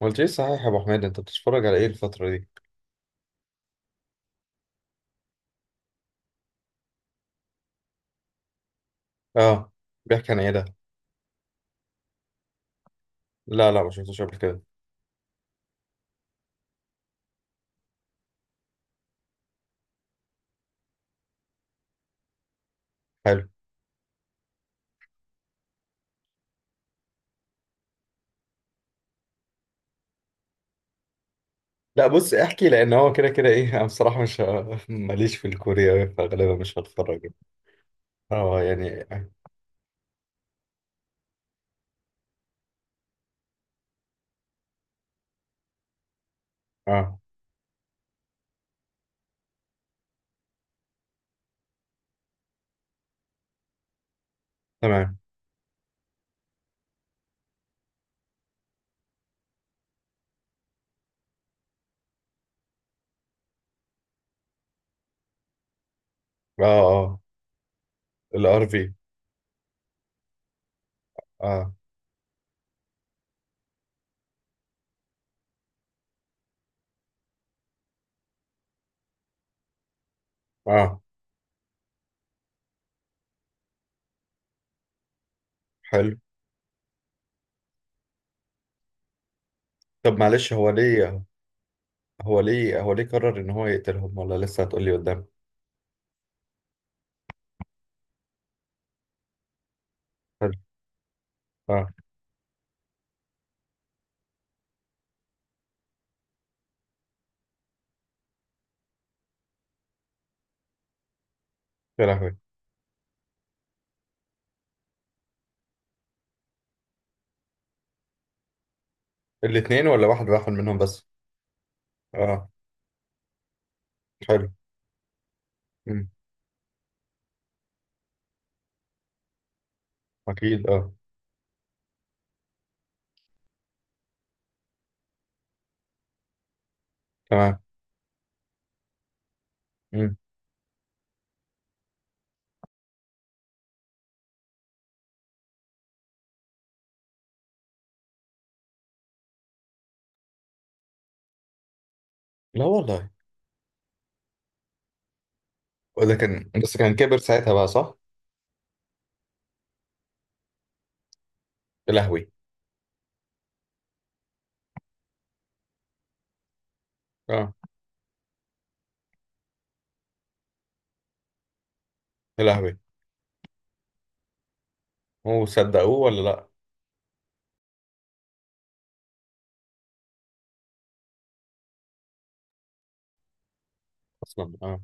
ما قلت ايه صحيح يا ابو حميد، انت بتتفرج على ايه الفترة دي؟ اه. بيحكي عن ايه ده؟ لا ما شفتوش قبل كده. حلو. لا، بص احكي، لان هو كده كده، ايه، انا بصراحة مش ه- ماليش في الكورياوي فغالبا مش هتفرج. اه يعني. اه تمام. اه اه. الار في. اه اه. حلو. طب معلش، هو ليه قرر ان هو يقتلهم ولا لسه هتقولي قدام؟ حلو. اه. يا لهوي. الاثنين ولا واحد منهم بس؟ اه. حلو. امم. اكيد. اه. تمام. امم. لا والله. وده كان، بس كان كبر ساعتها بقى صح؟ يا لهوي. اه. يا لهوي. هو صدقوه ولا لا؟ اصلا. اه.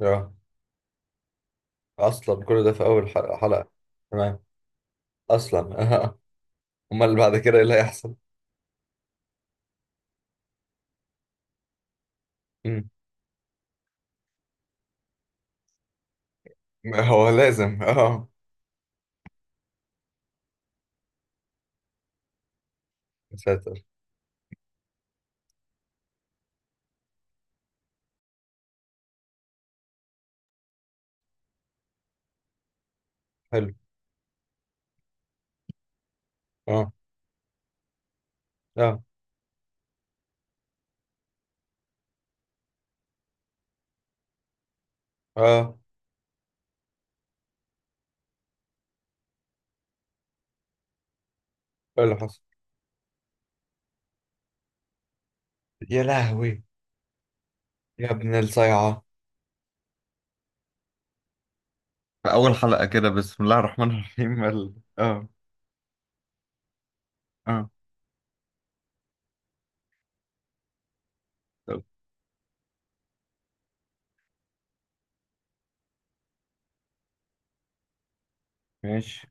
اه. اصلا كل ده في اول حلقة. تمام. اصلا اه. امال اللي بعد كده ايه اللي هيحصل؟ مم. ما هو لازم اه. يا ساتر. حلو. اه. اه. اه. ايه اللي حصل؟ يا لهوي. يا ابن الصيعة. في اول حلقة كده، بسم الله الرحمن الرحيم اه طب ماشي.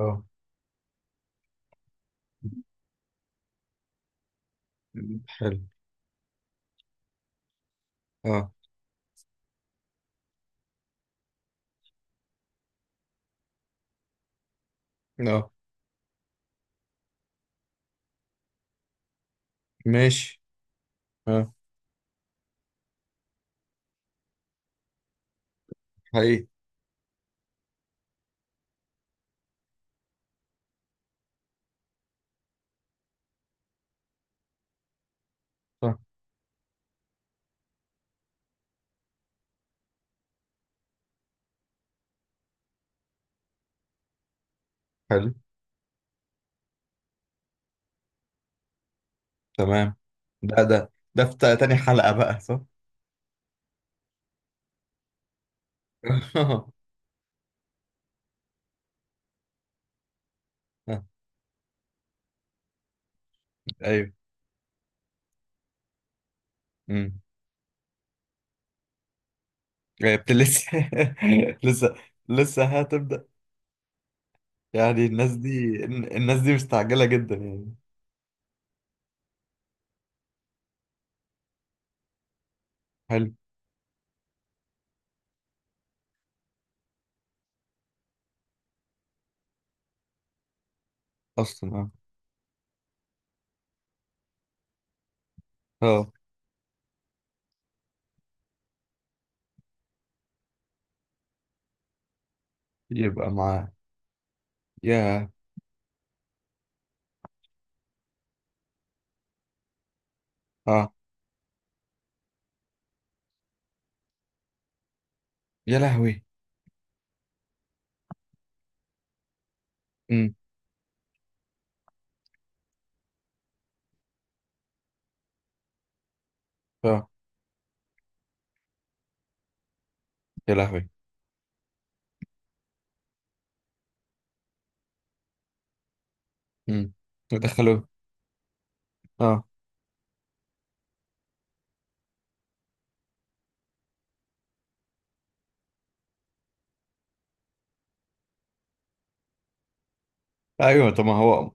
اه حلو. اه. اه ماشي. اه حقيقي. صح. حلو. تمام. ده في تاني حلقة بقى صح؟ ايوه. امم. ايوه لسه. لسه لسه هتبدأ. يعني الناس دي مستعجلة جدا يعني. حلو. اصلا. اه. اه. يبقى معاه. يا اه. يا لهوي. امم. اه. يا لهوي. امم. ودخلوه. اه. ايوه، طب ما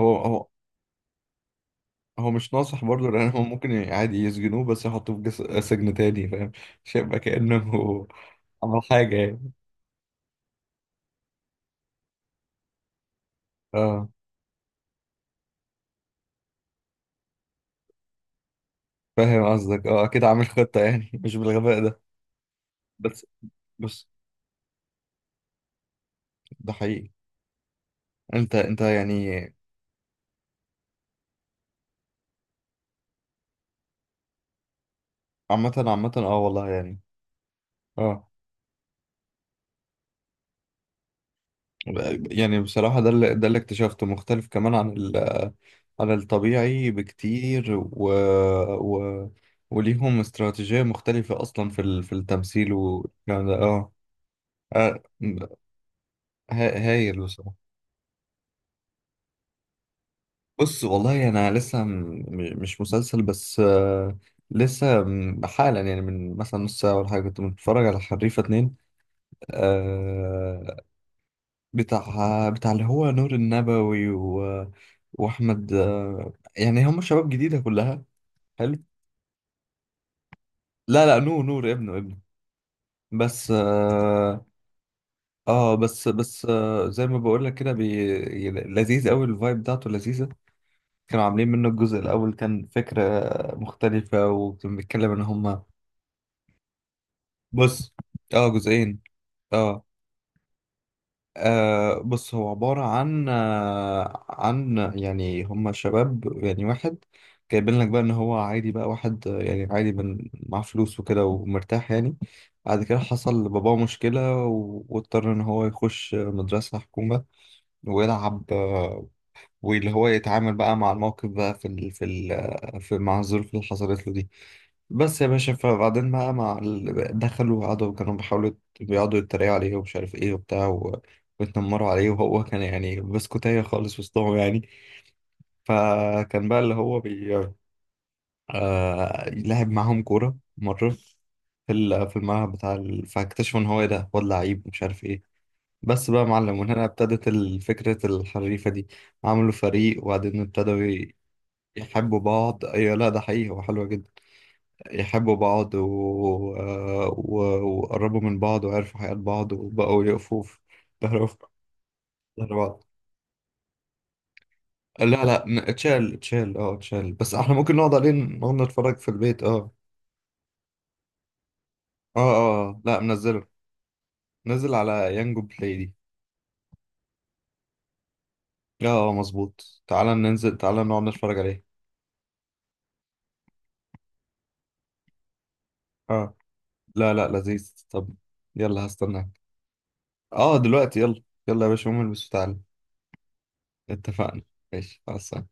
هو هو هو مش ناصح برضه، لان هو ممكن عادي يسجنوه بس يحطوه في جس... سجن تاني فاهم. مش هيبقى كأنه عمل حاجة يعني. اه فاهم قصدك. اه اكيد عامل خطة يعني مش بالغباء ده. بس بص. ده حقيقي. انت يعني. عامة عامة اه والله يعني. اه يعني بصراحة ده اللي اكتشفته مختلف كمان عن ال... عن الطبيعي بكتير و... و... وليهم استراتيجية مختلفة أصلا في ال... في التمثيل والكلام ده. اه آه، هايل بصراحة. بص والله أنا مش مسلسل. بس آه، حالا يعني من مثلا نص ساعة ولا حاجة كنت بتفرج على حريفة اتنين. آه، بتاع اللي هو نور النبوي و... وأحمد. آه، يعني هم شباب جديدة كلها. حلو. لا، لا نور ابنه. بس اه. آه، بس بس آه زي ما بقول لك كده، لذيذ قوي. الفايب بتاعته لذيذة. كانوا عاملين منه الجزء الأول، كان فكرة مختلفة وكان بيتكلم إن هما. بص. اه جزئين. اه. آه بص هو عبارة عن آه عن يعني هما شباب يعني واحد. جايبين لك بقى إن هو عادي بقى واحد آه، يعني عادي من مع فلوس وكده ومرتاح يعني. بعد كده حصل لباباه مشكلة واضطر إن هو يخش مدرسة حكومة ويلعب آه. واللي هو يتعامل بقى مع الموقف بقى في ال في ال في مع الظروف اللي حصلت له دي. بس يا باشا، فبعدين بقى مع ال... دخلوا وقعدوا كانوا بيحاولوا بيقعدوا يتريقوا عليه ومش عارف ايه وبتاع و... ويتنمروا عليه، وهو كان يعني بسكوتية خالص وسطهم يعني. فكان بقى اللي هو بي آه... لعب معاهم كورة مرة في في الملعب بتاع ال... فاكتشفوا ان هو ايه، ده واد لعيب مش عارف ايه. بس بقى يا معلم، وهنا ابتدت فكرة الحريفة دي. عملوا فريق وبعدين ابتدوا يحبوا بعض. ايوه، لا ده حقيقي هو حلوة جدا. يحبوا بعض و... و... وقربوا من بعض وعرفوا حياة بعض وبقوا يقفوا في ظهر بعض. لا، لا اتشال. بس احنا ممكن نقعد عليه، نقعد نتفرج في البيت. اه اه. لا منزله. نزل على يانجو بلاي دي. اه اه مظبوط، تعالى ننزل، تعالى نقعد نتفرج عليه اه. لا، لا لذيذ. طب يلا هستناك. اه دلوقتي، يلا يلا يا باشا قوم البس وتعالى. اتفقنا. ماشي مع السلامة.